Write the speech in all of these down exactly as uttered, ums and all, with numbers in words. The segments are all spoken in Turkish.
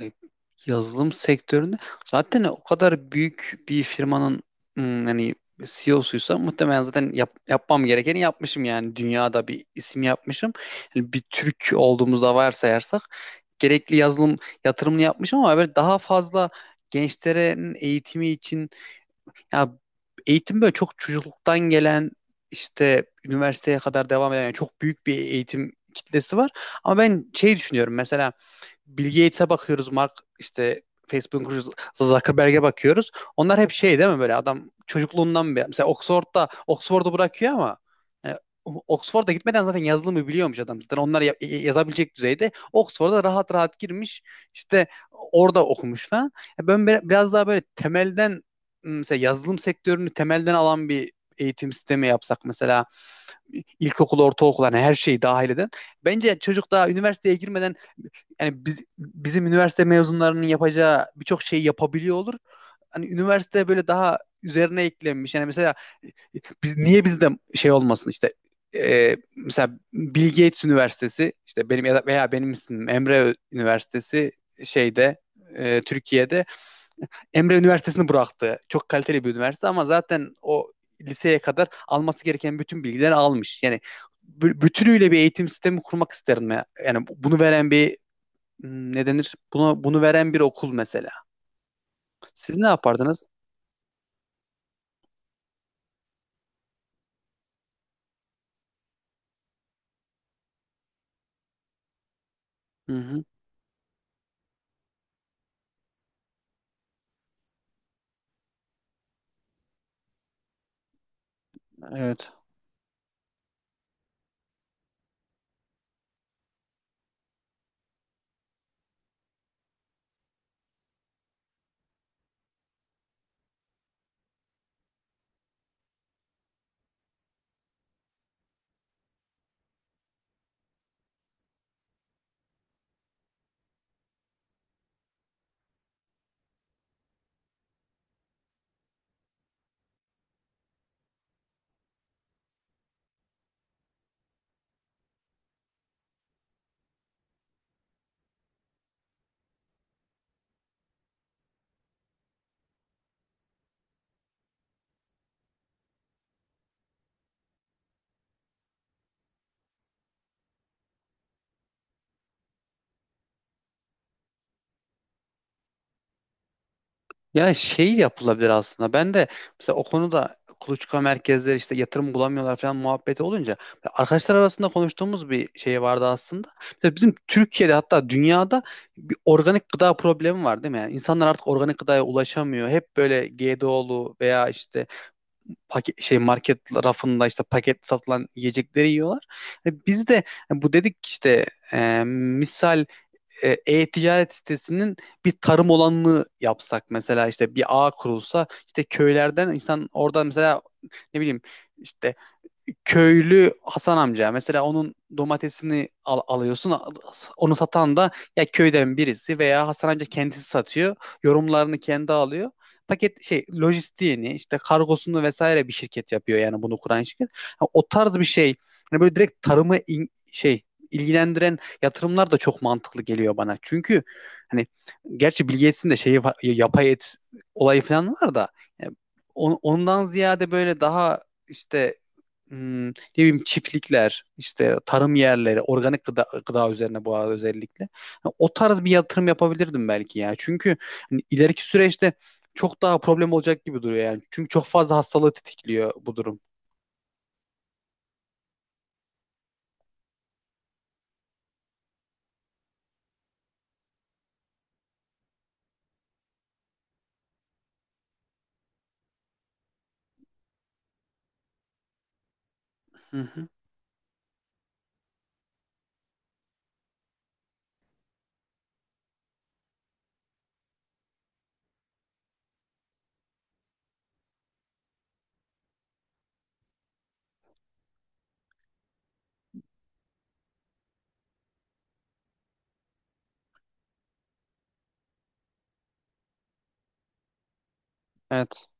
e, Yazılım sektöründe zaten o kadar büyük bir firmanın hmm, hani C E O'suysa muhtemelen zaten yap- yapmam gerekeni yapmışım yani dünyada bir isim yapmışım. Yani bir Türk olduğumuzda varsayarsak gerekli yazılım yatırımını yapmışım, ama böyle daha fazla gençlerin eğitimi için ya, eğitim böyle çok çocukluktan gelen işte üniversiteye kadar devam eden yani çok büyük bir eğitim kitlesi var. Ama ben şey düşünüyorum, mesela Bill Gates'e bakıyoruz, Mark işte Facebook'un kurucusu Zuckerberg'e bakıyoruz. Onlar hep şey değil mi, böyle adam çocukluğundan beri. Mesela Oxford'da Oxford'u bırakıyor ama yani Oxford'a gitmeden zaten yazılımı biliyormuş adam. Zaten onlar ya- yazabilecek düzeyde. Oxford'a rahat rahat girmiş. İşte orada okumuş falan. Ya ben bir- biraz daha böyle temelden, mesela yazılım sektörünü temelden alan bir eğitim sistemi yapsak mesela ilkokul, ortaokul, hani her şeyi dahil eden. Bence çocuk daha üniversiteye girmeden, yani biz, bizim üniversite mezunlarının yapacağı birçok şeyi yapabiliyor olur. Hani üniversite böyle daha üzerine eklenmiş. Yani mesela biz niye bir de şey olmasın işte, e, mesela Bill Gates Üniversitesi, işte benim ya da veya benim ismim Emre Üniversitesi, şeyde, e, Türkiye'de Emre Üniversitesi'ni bıraktı. Çok kaliteli bir üniversite ama zaten o liseye kadar alması gereken bütün bilgileri almış. Yani bü- bütünüyle bir eğitim sistemi kurmak isterim ya. Yani bunu veren bir, hmm, ne denir? Bunu bunu veren bir okul mesela. Siz ne yapardınız? Hı hı, evet. Ya şey yapılabilir aslında. Ben de mesela o konuda kuluçka merkezleri işte yatırım bulamıyorlar falan muhabbeti olunca arkadaşlar arasında konuştuğumuz bir şey vardı aslında. Mesela bizim Türkiye'de, hatta dünyada bir organik gıda problemi var değil mi? Yani insanlar artık organik gıdaya ulaşamıyor. Hep böyle G D O'lu veya işte paket şey market rafında işte paket satılan yiyecekleri yiyorlar. E biz de e bu dedik işte, e, misal, e, e-ticaret sitesinin bir tarım olanını yapsak mesela, işte bir ağ kurulsa, işte köylerden insan oradan mesela ne bileyim işte köylü Hasan amca, mesela onun domatesini al- alıyorsun, onu satan da ya köyden birisi veya Hasan amca kendisi satıyor, yorumlarını kendi alıyor, paket şey lojistiğini işte kargosunu vesaire bir şirket yapıyor, yani bunu kuran şirket. Ha, o tarz bir şey, hani böyle direkt tarımı in- şey ilgilendiren yatırımlar da çok mantıklı geliyor bana, çünkü hani gerçi Bill Gates'in de şeyi var, yapay et olayı falan var da, yani on- ondan ziyade böyle daha işte, Hmm, ne bileyim çiftlikler, işte tarım yerleri, organik gıda, gıda üzerine bu arada özellikle. Ha, o tarz bir yatırım yapabilirdim belki ya. Çünkü hani ileriki süreçte çok daha problem olacak gibi duruyor yani. Çünkü çok fazla hastalığı tetikliyor bu durum. Hı hı. Evet.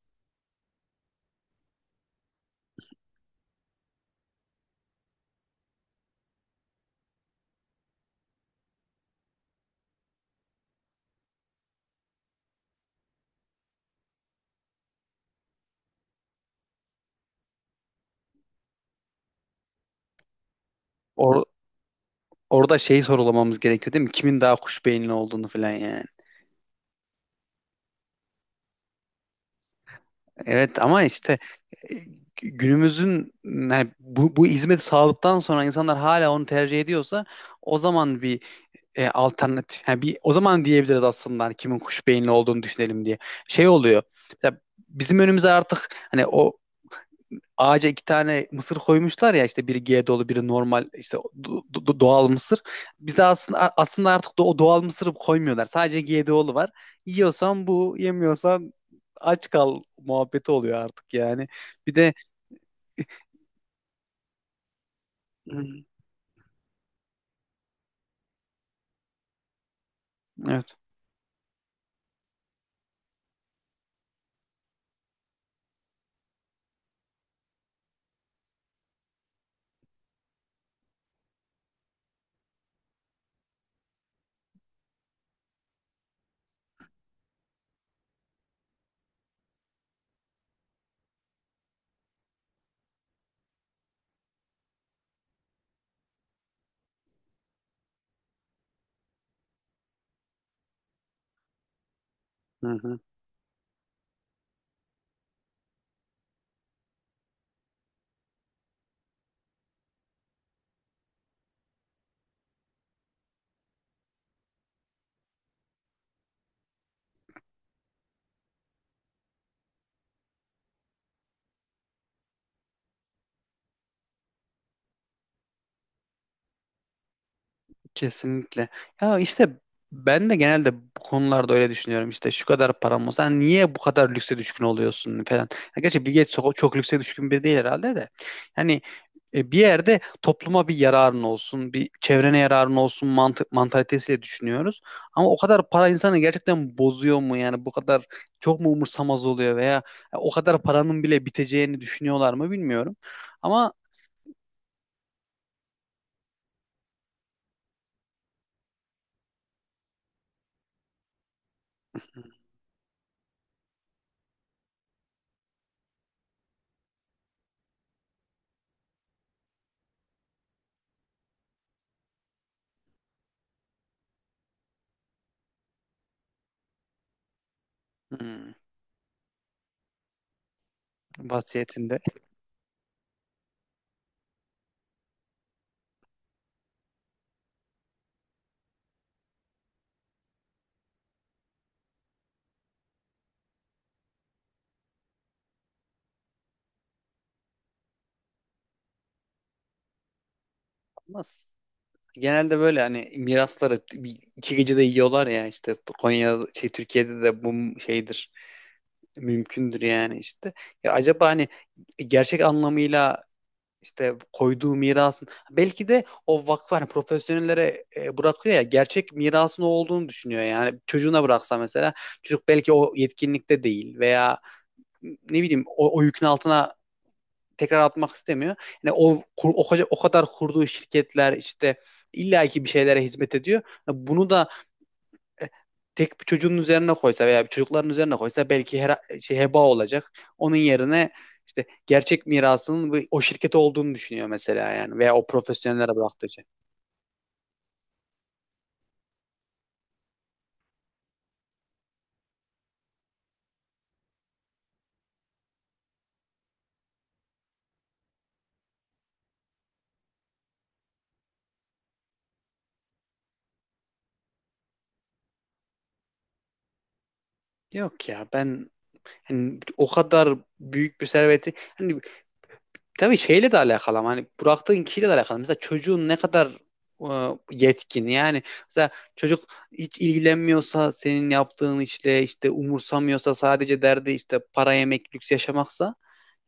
Or- Orada şeyi sorulamamız gerekiyor değil mi? Kimin daha kuş beyinli olduğunu falan yani. Evet, ama işte e, günümüzün yani bu, bu hizmeti sağladıktan sonra insanlar hala onu tercih ediyorsa, o zaman bir e, alternatif, yani bir o zaman diyebiliriz aslında hani kimin kuş beyinli olduğunu düşünelim diye. Şey oluyor. Ya bizim önümüze artık hani o ağaca iki tane mısır koymuşlar ya, işte biri G dolu biri normal, işte do- do- doğal mısır. Bizde aslında aslında artık da o doğal mısırı koymuyorlar. Sadece G dolu var. Yiyorsan bu, yemiyorsan aç kal muhabbeti oluyor artık yani. Bir de, hı, evet. Hı hı. Kesinlikle. Ya işte ben de genelde bu konularda öyle düşünüyorum. İşte şu kadar param olsa hani niye bu kadar lükse düşkün oluyorsun falan. Ya gerçi Bill Gates çok, çok lükse düşkün biri değil herhalde de. Yani e, bir yerde topluma bir yararın olsun, bir çevrene yararın olsun mantık mantalitesiyle düşünüyoruz. Ama o kadar para insanı gerçekten bozuyor mu, yani bu kadar çok mu umursamaz oluyor, veya o kadar paranın bile biteceğini düşünüyorlar mı bilmiyorum. Ama hmm, vasiyetinde. Nasıl? Genelde böyle hani mirasları bir- iki gecede yiyorlar ya, işte Konya şey Türkiye'de de bu şeydir, mümkündür yani işte. Ya acaba hani gerçek anlamıyla işte koyduğu mirasın belki de o vakfı hani profesyonellere e, bırakıyor ya, gerçek mirasın o olduğunu düşünüyor, yani çocuğuna bıraksa mesela çocuk belki o yetkinlikte değil, veya ne bileyim o, o yükün altına tekrar atmak istemiyor. Yani o o, o kadar kurduğu şirketler işte illaki bir şeylere hizmet ediyor. Yani bunu da e, tek bir çocuğun üzerine koysa veya bir çocukların üzerine koysa belki her şey heba olacak. Onun yerine işte gerçek mirasının bu- o şirket olduğunu düşünüyor mesela, yani veya o profesyonellere bıraktığı şey. Yok ya, ben hani o kadar büyük bir serveti hani, tabii şeyle de alakalı ama hani bıraktığın kişiyle de alakalı. Mesela çocuğun ne kadar e, yetkin, yani mesela çocuk hiç ilgilenmiyorsa senin yaptığın işle, işte umursamıyorsa, sadece derdi işte para yemek lüks yaşamaksa,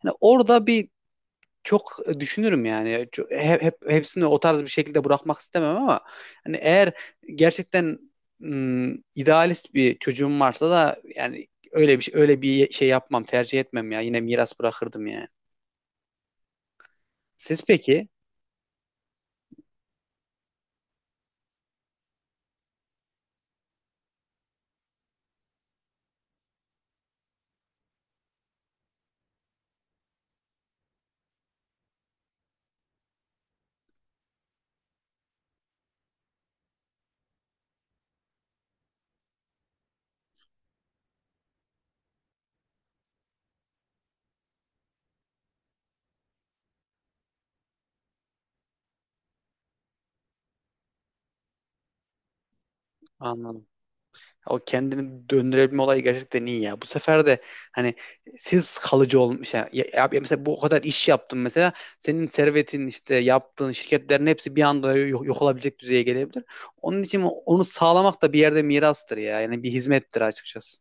yani orada bir çok düşünürüm yani. Çok- hep, hep hepsini o tarz bir şekilde bırakmak istemem, ama hani eğer gerçekten mm, idealist bir çocuğum varsa da yani öyle bir öyle bir şey yapmam, tercih etmem ya, yine miras bırakırdım yani. Siz peki? Anladım. O kendini döndürebilme olayı gerçekten iyi ya. Bu sefer de hani siz kalıcı olmuş. Yani ya, ya mesela bu o kadar iş yaptın mesela. Senin servetin işte yaptığın şirketlerin hepsi bir anda yok, yok olabilecek düzeye gelebilir. Onun için onu sağlamak da bir yerde mirastır ya. Yani bir hizmettir açıkçası.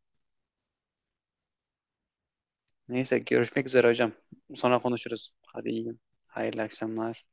Neyse görüşmek üzere hocam. Sonra konuşuruz. Hadi iyi gün. Hayırlı akşamlar.